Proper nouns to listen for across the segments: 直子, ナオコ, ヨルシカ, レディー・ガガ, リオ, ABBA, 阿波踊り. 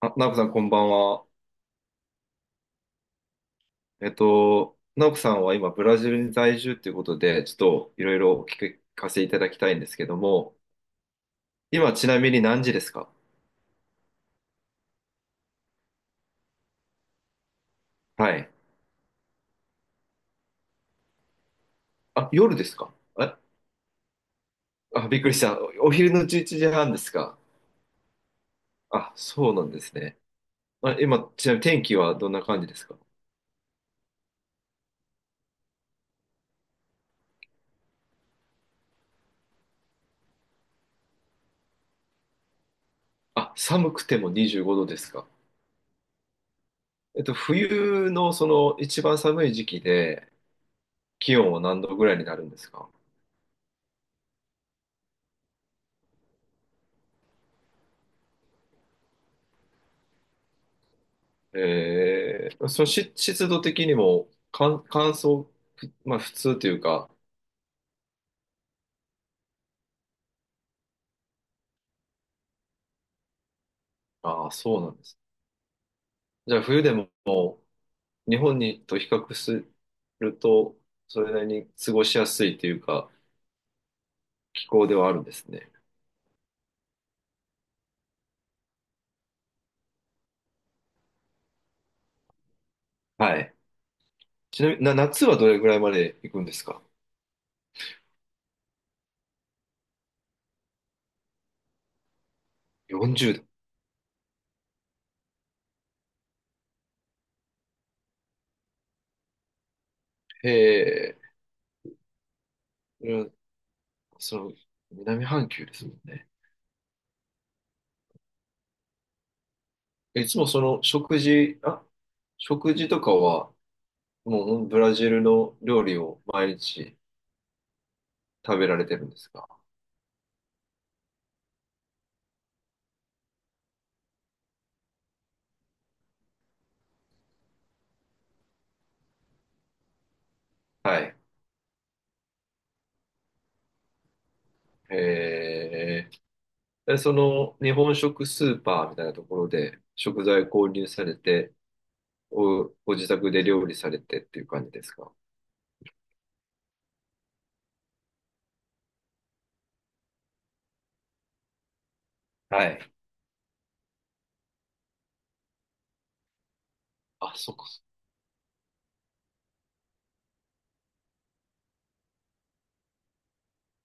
あ、ナオコさん、こんばんは。ナオコさんは今、ブラジルに在住ということで、ちょっといろいろお聞かせいただきたいんですけども、今、ちなみに何時ですか？はい。あ、夜ですか？あ、あ、びっくりした。お、お昼の11時半ですか？あ、そうなんですね。あ、今、ちなみに天気はどんな感じですか？あ、寒くても25度ですか？えっと、冬のその一番寒い時期で、気温は何度ぐらいになるんですか？その、し、湿度的にも乾、乾燥、ふ、まあ普通というか、ああ、そうなんです。じゃあ冬でも日本にと比較すると、それなりに過ごしやすいというか、気候ではあるんですね。はい。ちなみに、な、夏はどれぐらいまで行くんですか？ 40 度。へえ、うん、その、南半球ですもんね。いつもその食事、あ、食事とかは、もうブラジルの料理を毎日食べられてるんですか？はい。えー、でその日本食スーパーみたいなところで食材購入されて、お、ご自宅で料理されてっていう感じですか？はい。あ、そっかそっ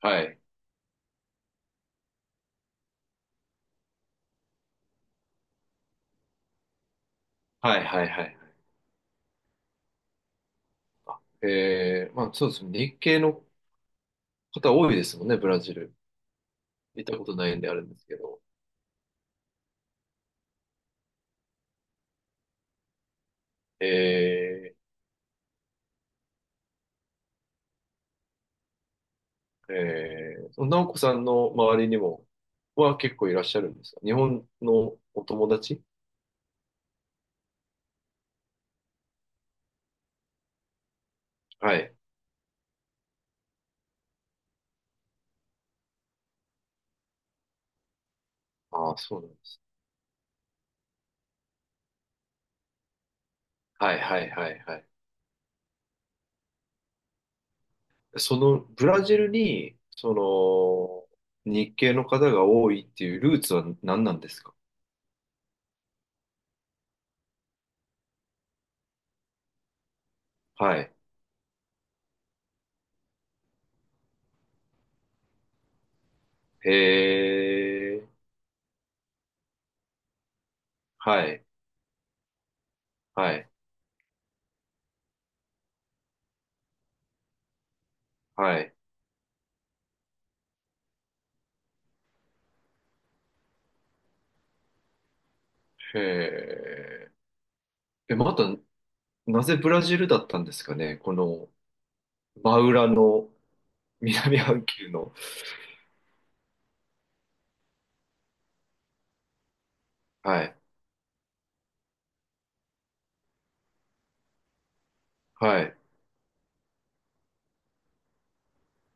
か。はい。はいはいはいはい。まあそうですね。日系の方多いですもんね、ブラジル。行ったことないんであるんですけど。えその直子さんの周りにもは結構いらっしゃるんですか、日本のお友達。はい。ああ、そうなんです。はいはいはいはい。そのブラジルに、その、日系の方が多いっていうルーツは何なんですか？はい。へえ、はい、はい、はい。へえ。え、また、なぜブラジルだったんですかね、この、真裏の南半球の。はい、はい、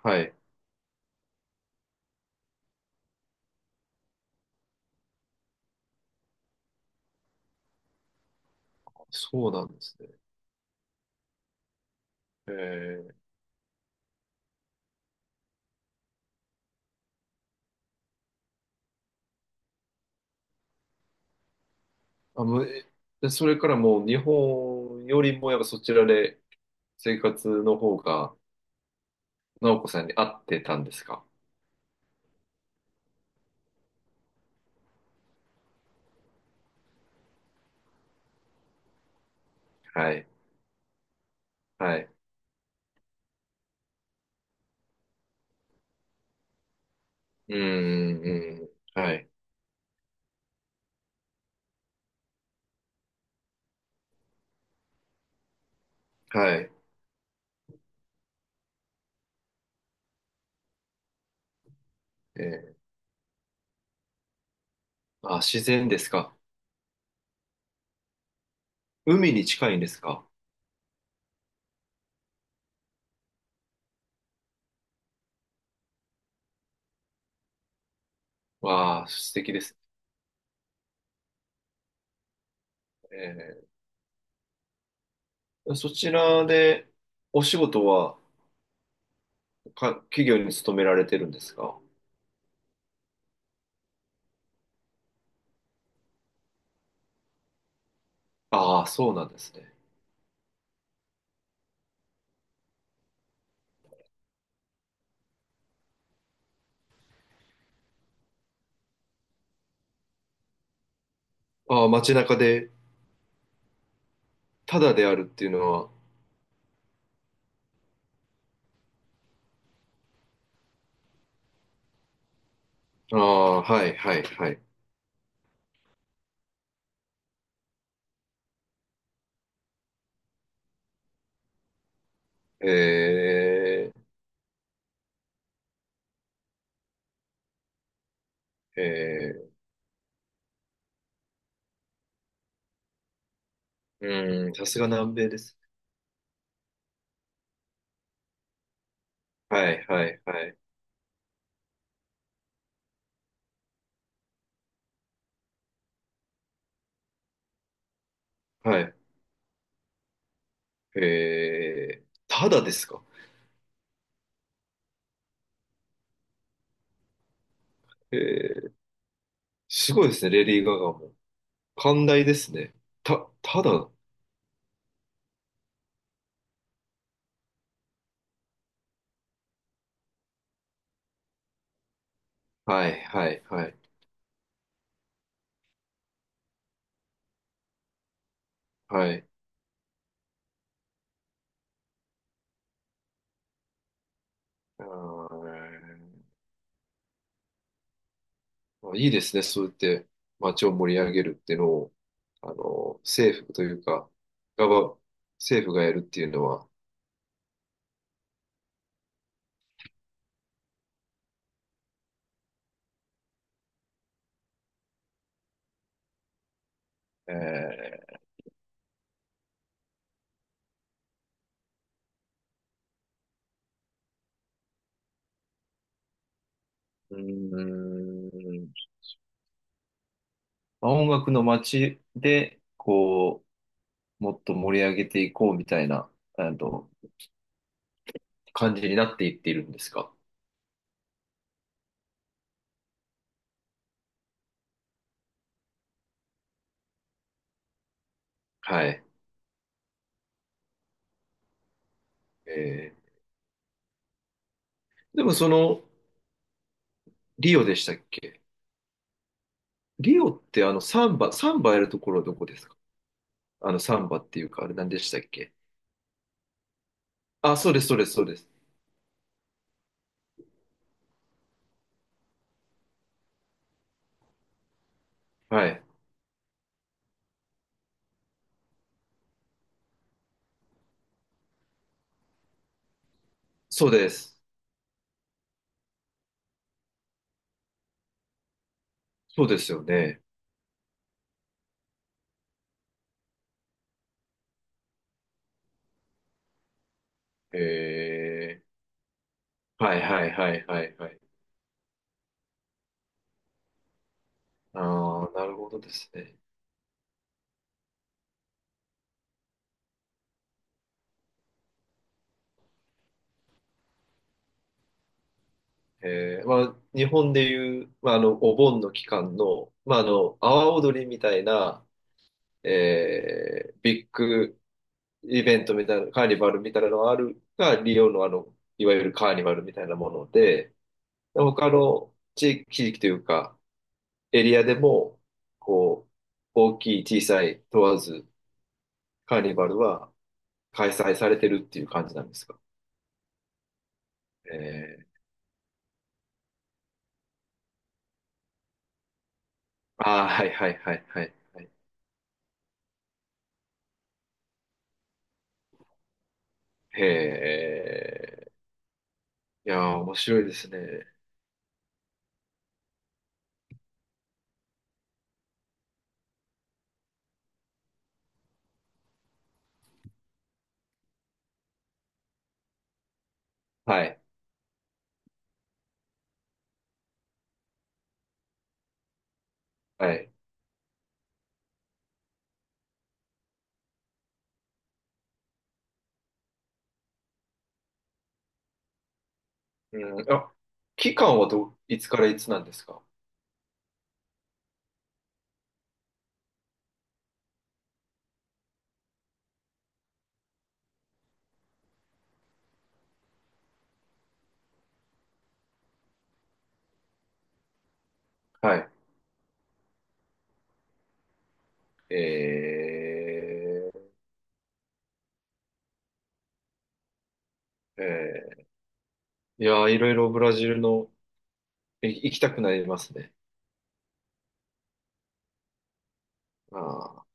はい。そうなんですね。えー。あ、もう、え、でそれからもう日本よりもやっぱそちらで生活の方が、直子さんに合ってたんですか？はい。はい。うん、うん、はい。はい。えー、あ、自然ですか。海に近いんですか。わあ、素敵ですね。えー、そちらで、お仕事は、か、企業に勤められてるんですか。ああ、そうなんですね。ああ、街中で、ただであるっていうのは、ああ、はい、はい、はい。えー、えー、うーん、さすが南米です。はい、はい、はい、はい。えー、ただですか。えー、すごいですね、レディー・ガガも。寛大ですね。た、ただ、はい、はい、はい、はい。あー、まあいいですね、そうやって街を盛り上げるっていうのを、あの、政府というか、ガバ、政府がやるっていうのは、えうーん、まあ音楽の街で、こう、もっと盛り上げていこうみたいな、あの、感じになっていっているんですか。はい。えー、でもその、リオでしたっけ？リオってあのサンバ、サンバやるところはどこですか？あのサンバっていうか、あれ何でしたっけ？あ、そうです、そうです、そうです。はい。そうです。そうですよね。へえ。はいはいはいはいはい。ああ、なるほどですね。まあ、日本でいう、まあ、あの、お盆の期間の、まあ、あの、阿波踊りみたいな、えー、ビッグイベントみたいな、カーニバルみたいなのがあるが、リオのあの、いわゆるカーニバルみたいなもので、他の地域、地域というか、エリアでも、こう、大きい、小さい問わず、カーニバルは開催されてるっていう感じなんですか。えー、ああ、はいはいはいはいはい。へえ、いやー、面白いですね。はい、はい。うん、あ、期間はど、いつからいつなんですか。はい。えー、えいやー、いろいろブラジルの、い、行きたくなりますね。あ